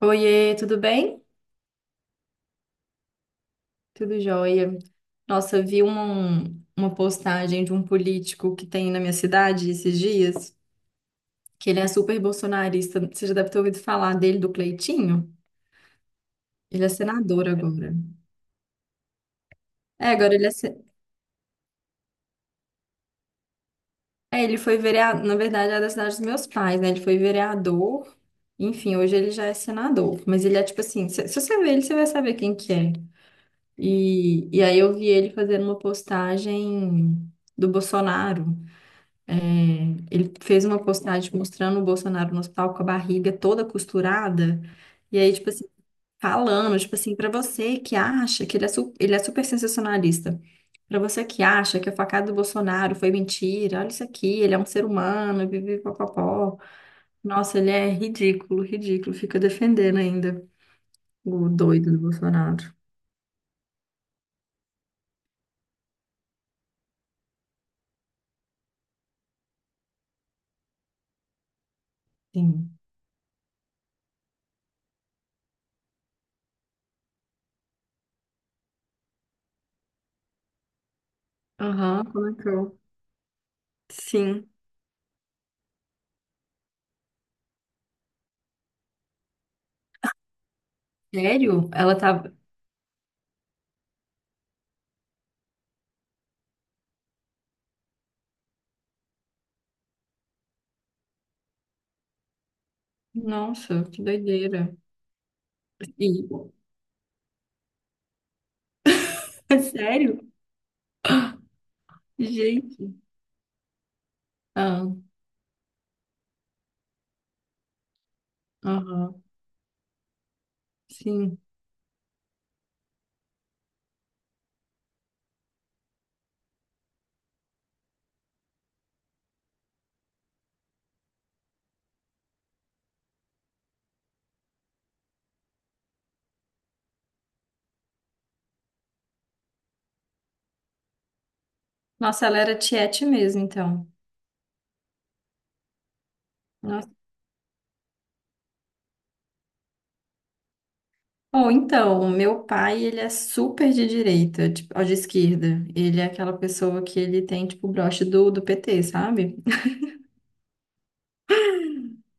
Oiê, tudo bem? Tudo jóia. Nossa, eu vi uma postagem de um político que tem na minha cidade esses dias, que ele é super bolsonarista. Você já deve ter ouvido falar dele, do Cleitinho? Ele é senador agora. É, agora ele é, se- é, ele foi vereador, na verdade é da cidade dos meus pais, né? Ele foi vereador, enfim, hoje ele já é senador. Mas ele é tipo assim, se você ver ele, você vai saber quem que é. E aí eu vi ele fazendo uma postagem do Bolsonaro. Ele fez uma postagem mostrando o Bolsonaro no hospital com a barriga toda costurada. E aí, tipo assim, falando, tipo assim, pra você que acha que ele é super sensacionalista. Pra você que acha que a facada do Bolsonaro foi mentira, olha isso aqui, ele é um ser humano, vive popopó. Nossa, ele é ridículo, ridículo. Fica defendendo ainda o doido do Bolsonaro. Sim. Aham, comentou. Sim. Sério? Ela tava. Nossa, que doideira. E... Sério? Gente. Ah, aham, sim. Nossa, ela era tiete mesmo, então. Nossa. Bom, então, o meu pai, ele é super de direita, tipo, ou de esquerda. Ele é aquela pessoa que ele tem, tipo, o broche do PT, sabe?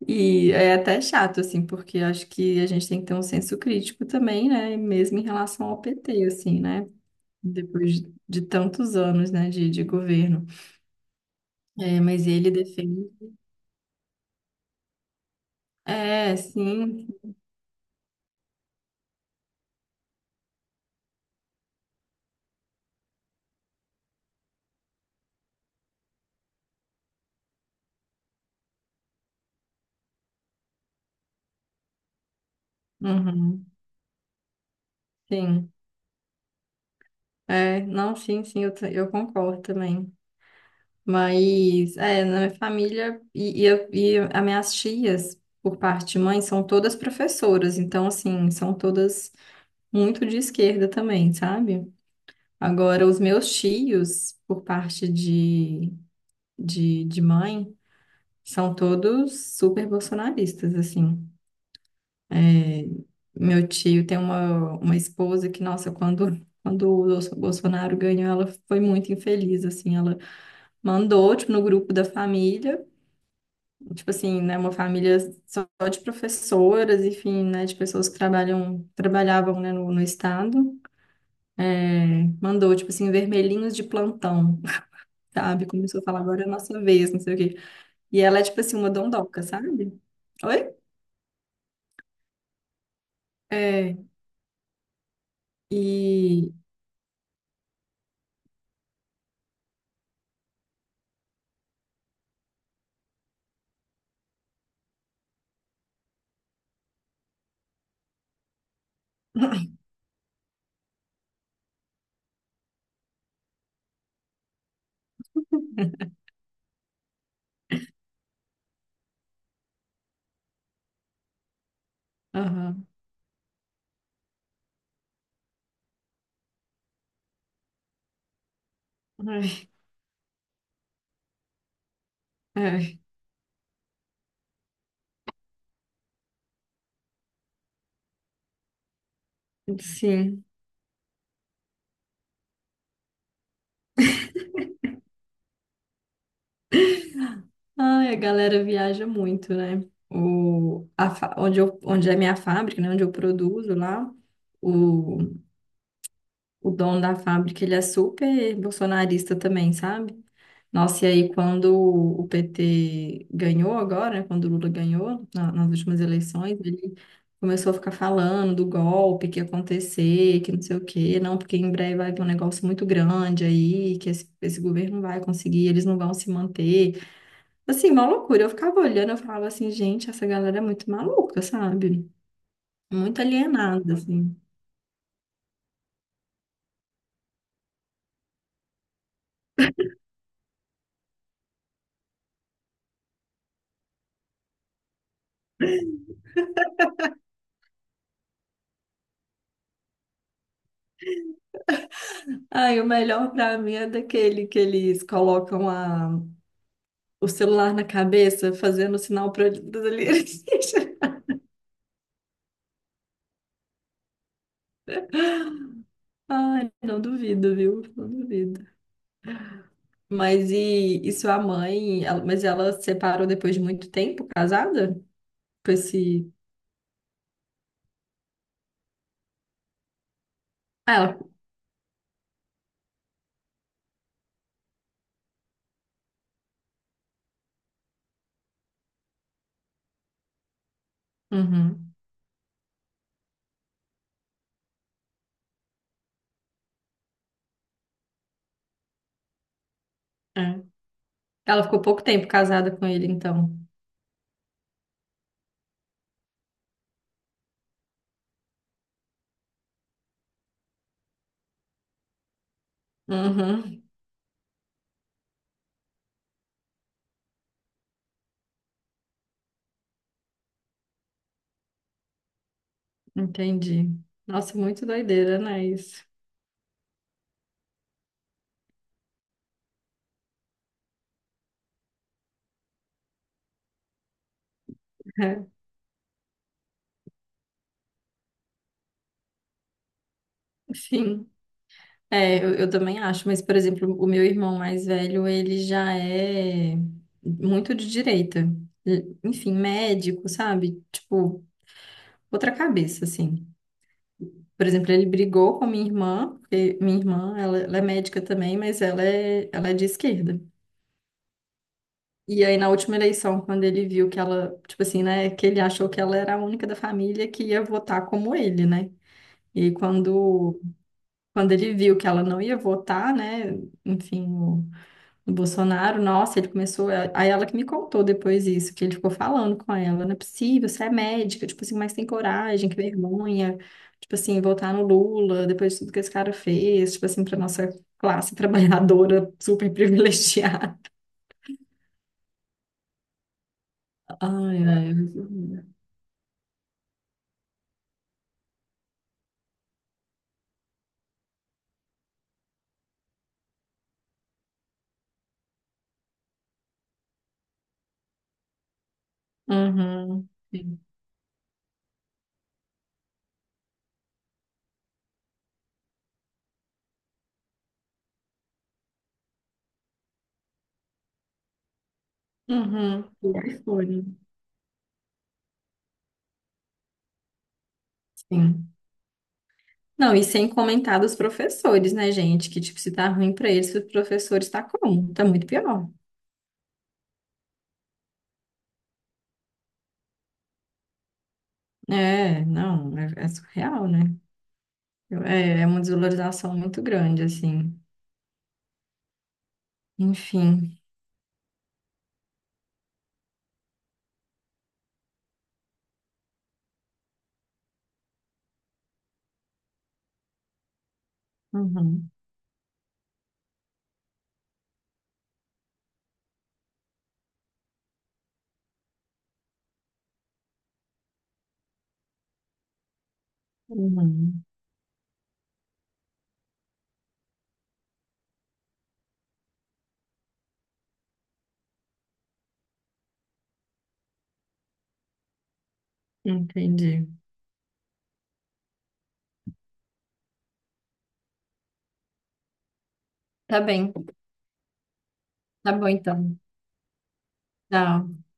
E é até chato, assim, porque acho que a gente tem que ter um senso crítico também, né? Mesmo em relação ao PT, assim, né? Depois de tantos anos, né, de governo. É, mas ele defende. É, sim. Uhum, sim. É, não, sim, sim, eu concordo também. Mas, é, na minha família e as minhas tias, por parte de mãe, são todas professoras. Então, assim, são todas muito de esquerda também, sabe? Agora, os meus tios, por parte de mãe, são todos super bolsonaristas, assim. É, meu tio tem uma esposa que, nossa, quando o Bolsonaro ganhou, ela foi muito infeliz, assim, ela mandou, tipo, no grupo da família, tipo assim, né, uma família só de professoras, enfim, né, de pessoas que trabalham, trabalhavam, né, no estado, é, mandou, tipo assim, vermelhinhos de plantão, sabe? Começou a falar, agora é a nossa vez, não sei o quê. E ela é, tipo assim, uma dondoca, sabe? Oi? É, e... Aham. Ai, ai, sim. Ai, a galera viaja muito, né? O, a, fa- onde, eu, Onde é minha fábrica, né? Onde eu produzo lá, o, o dono da fábrica, ele é super bolsonarista também, sabe? Nossa, e aí quando o PT ganhou agora, né? Quando o Lula ganhou nas últimas eleições, ele começou a ficar falando do golpe que ia acontecer, que não sei o quê, não, porque em breve vai ter um negócio muito grande aí, que esse governo não vai conseguir, eles não vão se manter. Assim, uma loucura. Eu ficava olhando, eu falava assim, gente, essa galera é muito maluca, sabe? Muito alienada, assim. Ai, o melhor pra mim é daquele que eles colocam a... o celular na cabeça, fazendo sinal pra eles. Ai, não duvido, viu? Não duvido. Mas e sua mãe? Mas ela se separou depois de muito tempo, casada? Com esse. Ah, ela. Uhum, é. Ela ficou pouco tempo casada com ele, então. Uhum. Entendi. Nossa, muito doideira, né? Isso. Sim. É, eu também acho, mas, por exemplo, o meu irmão mais velho, ele já é muito de direita. Enfim, médico, sabe? Tipo, outra cabeça, assim. Por exemplo, ele brigou com a minha irmã, porque minha irmã, ela é médica também, mas ela é de esquerda. E aí, na última eleição, quando ele viu que ela, tipo assim, né, que ele achou que ela era a única da família que ia votar como ele, né? E aí, quando Quando ele viu que ela não ia votar, né? Enfim, o Bolsonaro, nossa, ele começou. Aí ela que me contou depois isso, que ele ficou falando com ela: não é possível, você é médica, tipo assim, mas tem coragem, que vergonha, tipo assim, votar no Lula, depois de tudo que esse cara fez, tipo assim, pra nossa classe trabalhadora super privilegiada. Ai, ai, é muito. Uhum. Sim. Uhum. Tudo foi, né? Sim. Não, e sem comentar dos professores, né, gente? Que, tipo, se tá ruim pra eles, os professores tá como? Tá muito pior. É, não, é, é surreal, né? Eu- é, é uma desvalorização muito grande, assim. Enfim. Uhum, uhum, entendi. Tá bem, tá bom então. Tchau.